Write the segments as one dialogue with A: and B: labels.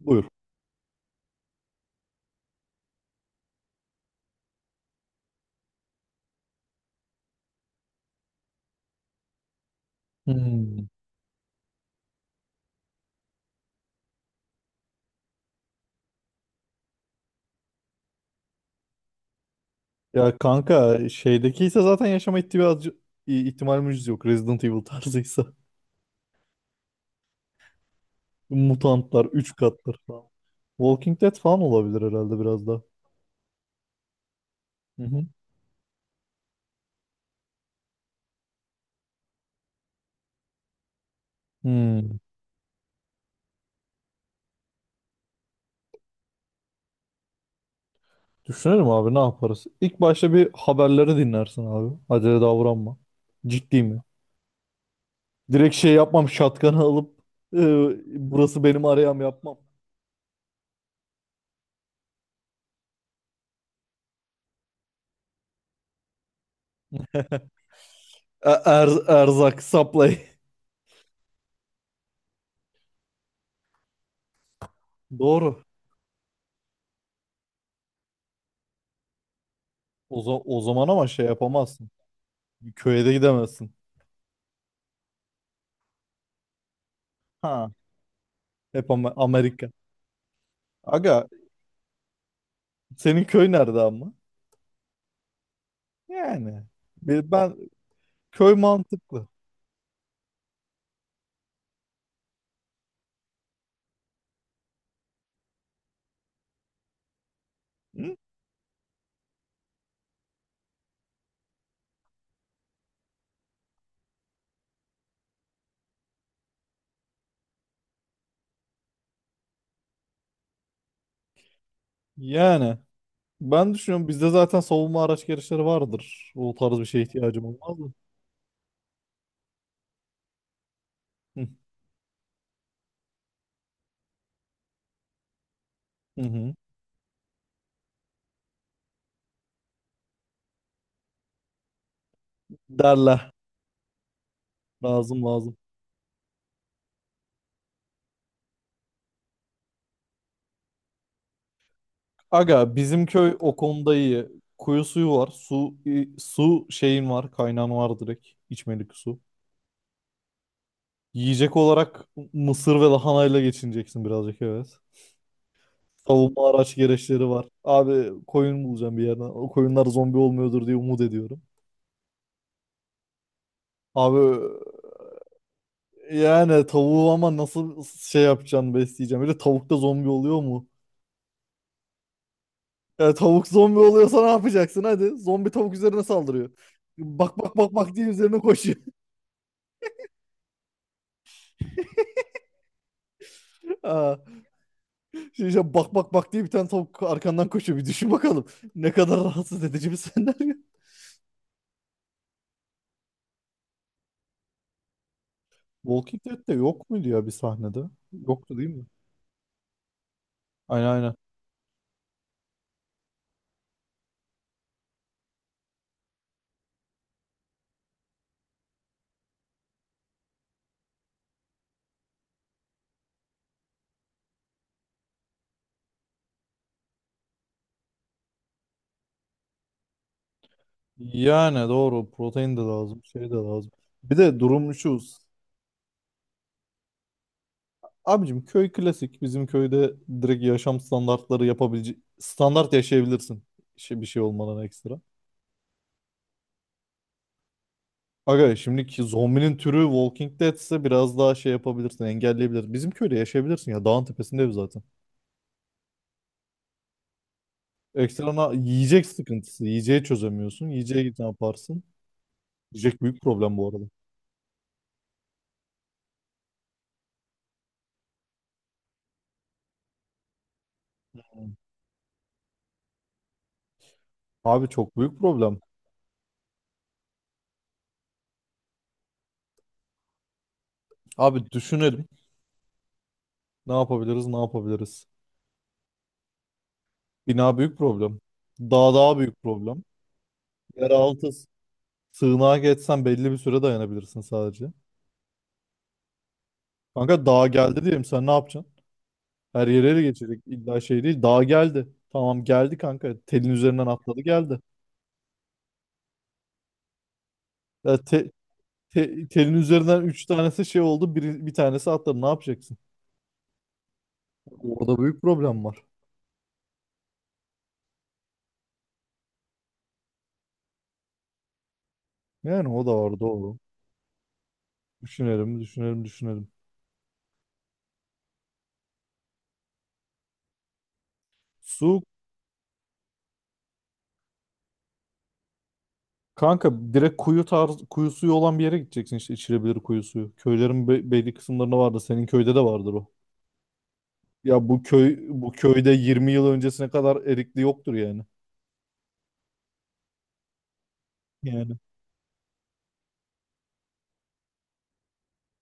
A: Buyur. Hmm. Ya kanka şeydeki ise zaten yaşama ihtimalimiz yok. Resident Evil tarzıysa. Mutantlar 3 kattır falan. Walking Dead falan olabilir herhalde biraz da. Hı hı. Hmm. Düşünelim abi ne yaparız? İlk başta bir haberleri dinlersin abi. Acele davranma. Ciddi mi? Direkt şey yapmam şatkanı alıp e, burası benim arayam yapmam. Erzak supply. Doğru. O zaman ama şey yapamazsın. Köye de gidemezsin. Ha. Hep ama Amerika. Aga senin köy nerede ama? Yani. Ben köy mantıklı. Hı? Yani. Ben düşünüyorum bizde zaten savunma araç gereçleri vardır. O tarz bir şeye ihtiyacım olmaz mı? Hı hı. Hı. Derler. Lazım lazım. Aga bizim köy o konuda iyi. Kuyu suyu var. Su şeyin var. Kaynağın var direkt. İçmelik su. Yiyecek olarak mısır ve lahanayla geçineceksin birazcık, evet. Savunma araç gereçleri var. Abi koyun bulacağım bir yerden. O koyunlar zombi olmuyordur diye umut ediyorum. Abi yani tavuğu ama nasıl şey yapacaksın, besleyeceğim. Bir de tavuk da zombi oluyor mu? Ya tavuk zombi oluyorsa ne yapacaksın hadi. Zombi tavuk üzerine saldırıyor. Bak bak bak bak diye üzerine koşuyor. Ha. Şimdi işte bak bak bak diye bir tane tavuk arkandan koşuyor. Bir düşün bakalım. Ne kadar rahatsız edici bir senaryo. Walking Dead'de yok muydu ya bir sahnede? Yoktu değil mi? Aynen aynen. Yani doğru, protein de lazım şey de lazım. Bir de durum şu. Abicim köy klasik. Bizim köyde direkt yaşam standartları yapabilecek, standart yaşayabilirsin. Şey, bir şey olmadan ekstra. Aga şimdiki zombinin türü Walking Dead ise biraz daha şey yapabilirsin, engelleyebilirsin. Bizim köyde yaşayabilirsin, ya dağın tepesinde ev zaten. Ekstrana yiyecek sıkıntısı. Yiyeceği çözemiyorsun. Yiyeceğe git, ne yaparsın? Yiyecek büyük problem bu arada. Abi çok büyük problem. Abi düşünelim. Ne yapabiliriz, ne yapabiliriz? Bina büyük problem. Dağ daha büyük problem. Yeraltı sığınağa geçsen belli bir süre dayanabilirsin sadece. Kanka dağ geldi diyelim, sen ne yapacaksın? Her yere ele geçecek, illa şey değil. Dağ geldi. Tamam geldi kanka. Telin üzerinden atladı, geldi. Ya telin üzerinden üç tanesi şey oldu. Bir tanesi atladı. Ne yapacaksın? Orada büyük problem var. Yani o da var, doğru. Düşünelim, düşünelim, düşünelim. Su. Kanka direkt kuyu tarz, kuyu suyu olan bir yere gideceksin, işte içilebilir kuyu suyu. Köylerin belli kısımlarında vardı. Senin köyde de vardır o. Ya bu köyde 20 yıl öncesine kadar erikli yoktur yani. Yani.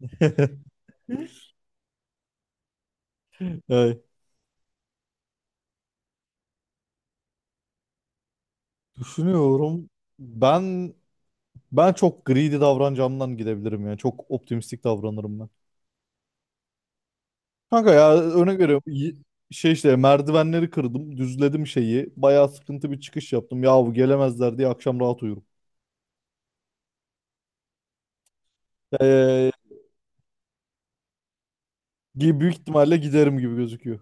A: Evet. Düşünüyorum. Ben ben çok greedy davranacağımdan gidebilirim yani. Çok optimistik davranırım ben. Kanka ya örnek veriyorum. Şey işte merdivenleri kırdım, düzledim şeyi. Bayağı sıkıntı bir çıkış yaptım. Yahu gelemezler diye akşam rahat uyurum. Ee, büyük ihtimalle giderim gibi gözüküyor.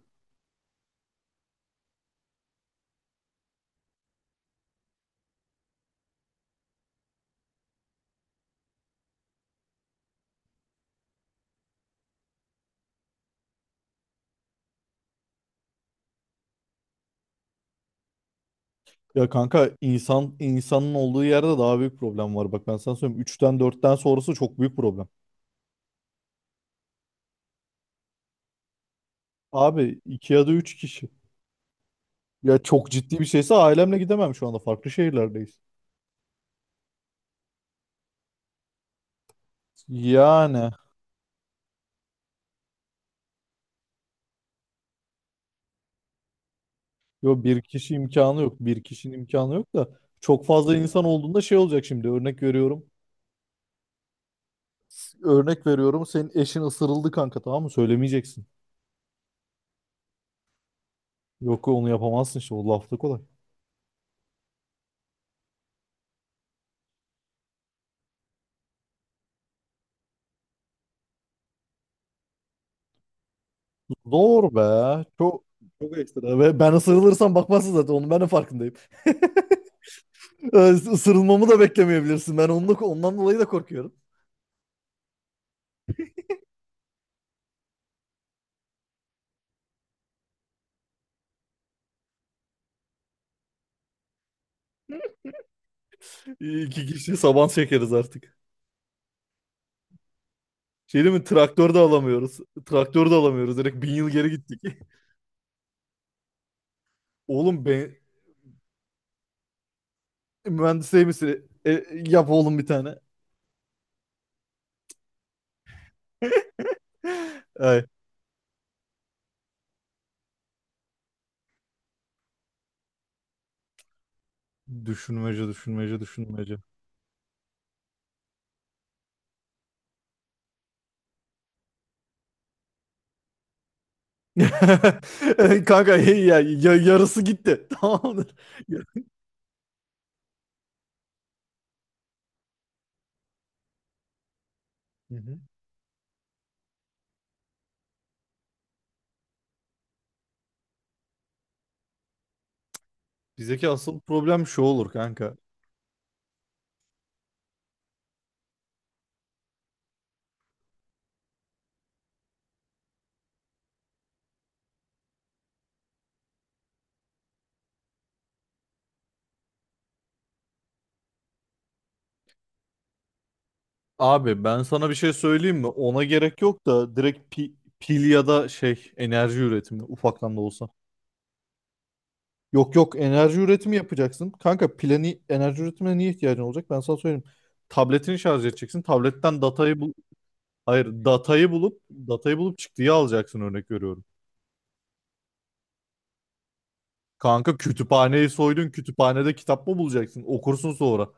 A: Ya kanka, insan insanın olduğu yerde daha büyük problem var. Bak ben sana söyleyeyim. Üçten dörtten sonrası çok büyük problem. Abi 2 ya da 3 kişi. Ya çok ciddi bir şeyse ailemle gidemem şu anda. Farklı şehirlerdeyiz. Yani. Yo, bir kişi imkanı yok. Bir kişinin imkanı yok da. Çok fazla insan olduğunda şey olacak şimdi. Örnek veriyorum. Örnek veriyorum. Senin eşin ısırıldı kanka, tamam mı? Söylemeyeceksin. Yok, onu yapamazsın işte. O lafta kolay. Zor be. Çok çok ekstra. Ve ben ısırılırsam bakmazsın zaten. Onun ben de farkındayım. Isırılmamı da beklemeyebilirsin. Ben onunla, ondan dolayı da korkuyorum. İki kişi saban çekeriz artık. Şey değil mi? Traktör de alamıyoruz. Traktör de alamıyoruz. Direkt 1000 yıl geri gittik. Oğlum, ben mühendisliği misin? Yap oğlum bir tane. Ay. Düşünmece, düşünmece, düşünmece. Kanka hey ya, yarısı gitti. Tamamdır. Ya- Hı hı. Bizdeki asıl problem şu olur kanka. Abi ben sana bir şey söyleyeyim mi? Ona gerek yok da direkt pil ya da şey enerji üretimi, ufaktan da olsa. Yok yok, enerji üretimi yapacaksın. Kanka plani enerji üretimine niye ihtiyacın olacak? Ben sana söyleyeyim. Tabletini şarj edeceksin. Tabletten datayı bul. Hayır, datayı bulup çıktıyı alacaksın, örnek veriyorum. Kanka kütüphaneyi soydun. Kütüphanede kitap mı bulacaksın? Okursun sonra.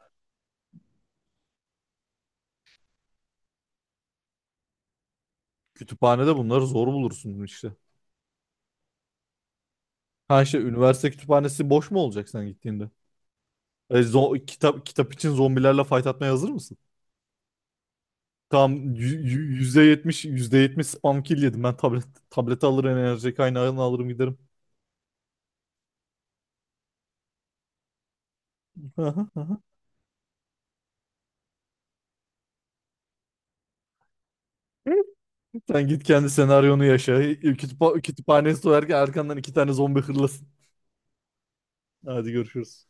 A: Kütüphanede bunları zor bulursun işte. Ha işte, üniversite kütüphanesi boş mu olacak sen gittiğinde? Kitap için zombilerle fight atmaya hazır mısın? Tamam, yü- yü- yüzde %70 spam kill yedim. Ben tableti alırım, enerji kaynağını alırım, giderim. Aha, aha. Sen git kendi senaryonu yaşa. Kütüphanesi soyarken arkandan iki tane zombi hırlasın. Hadi görüşürüz.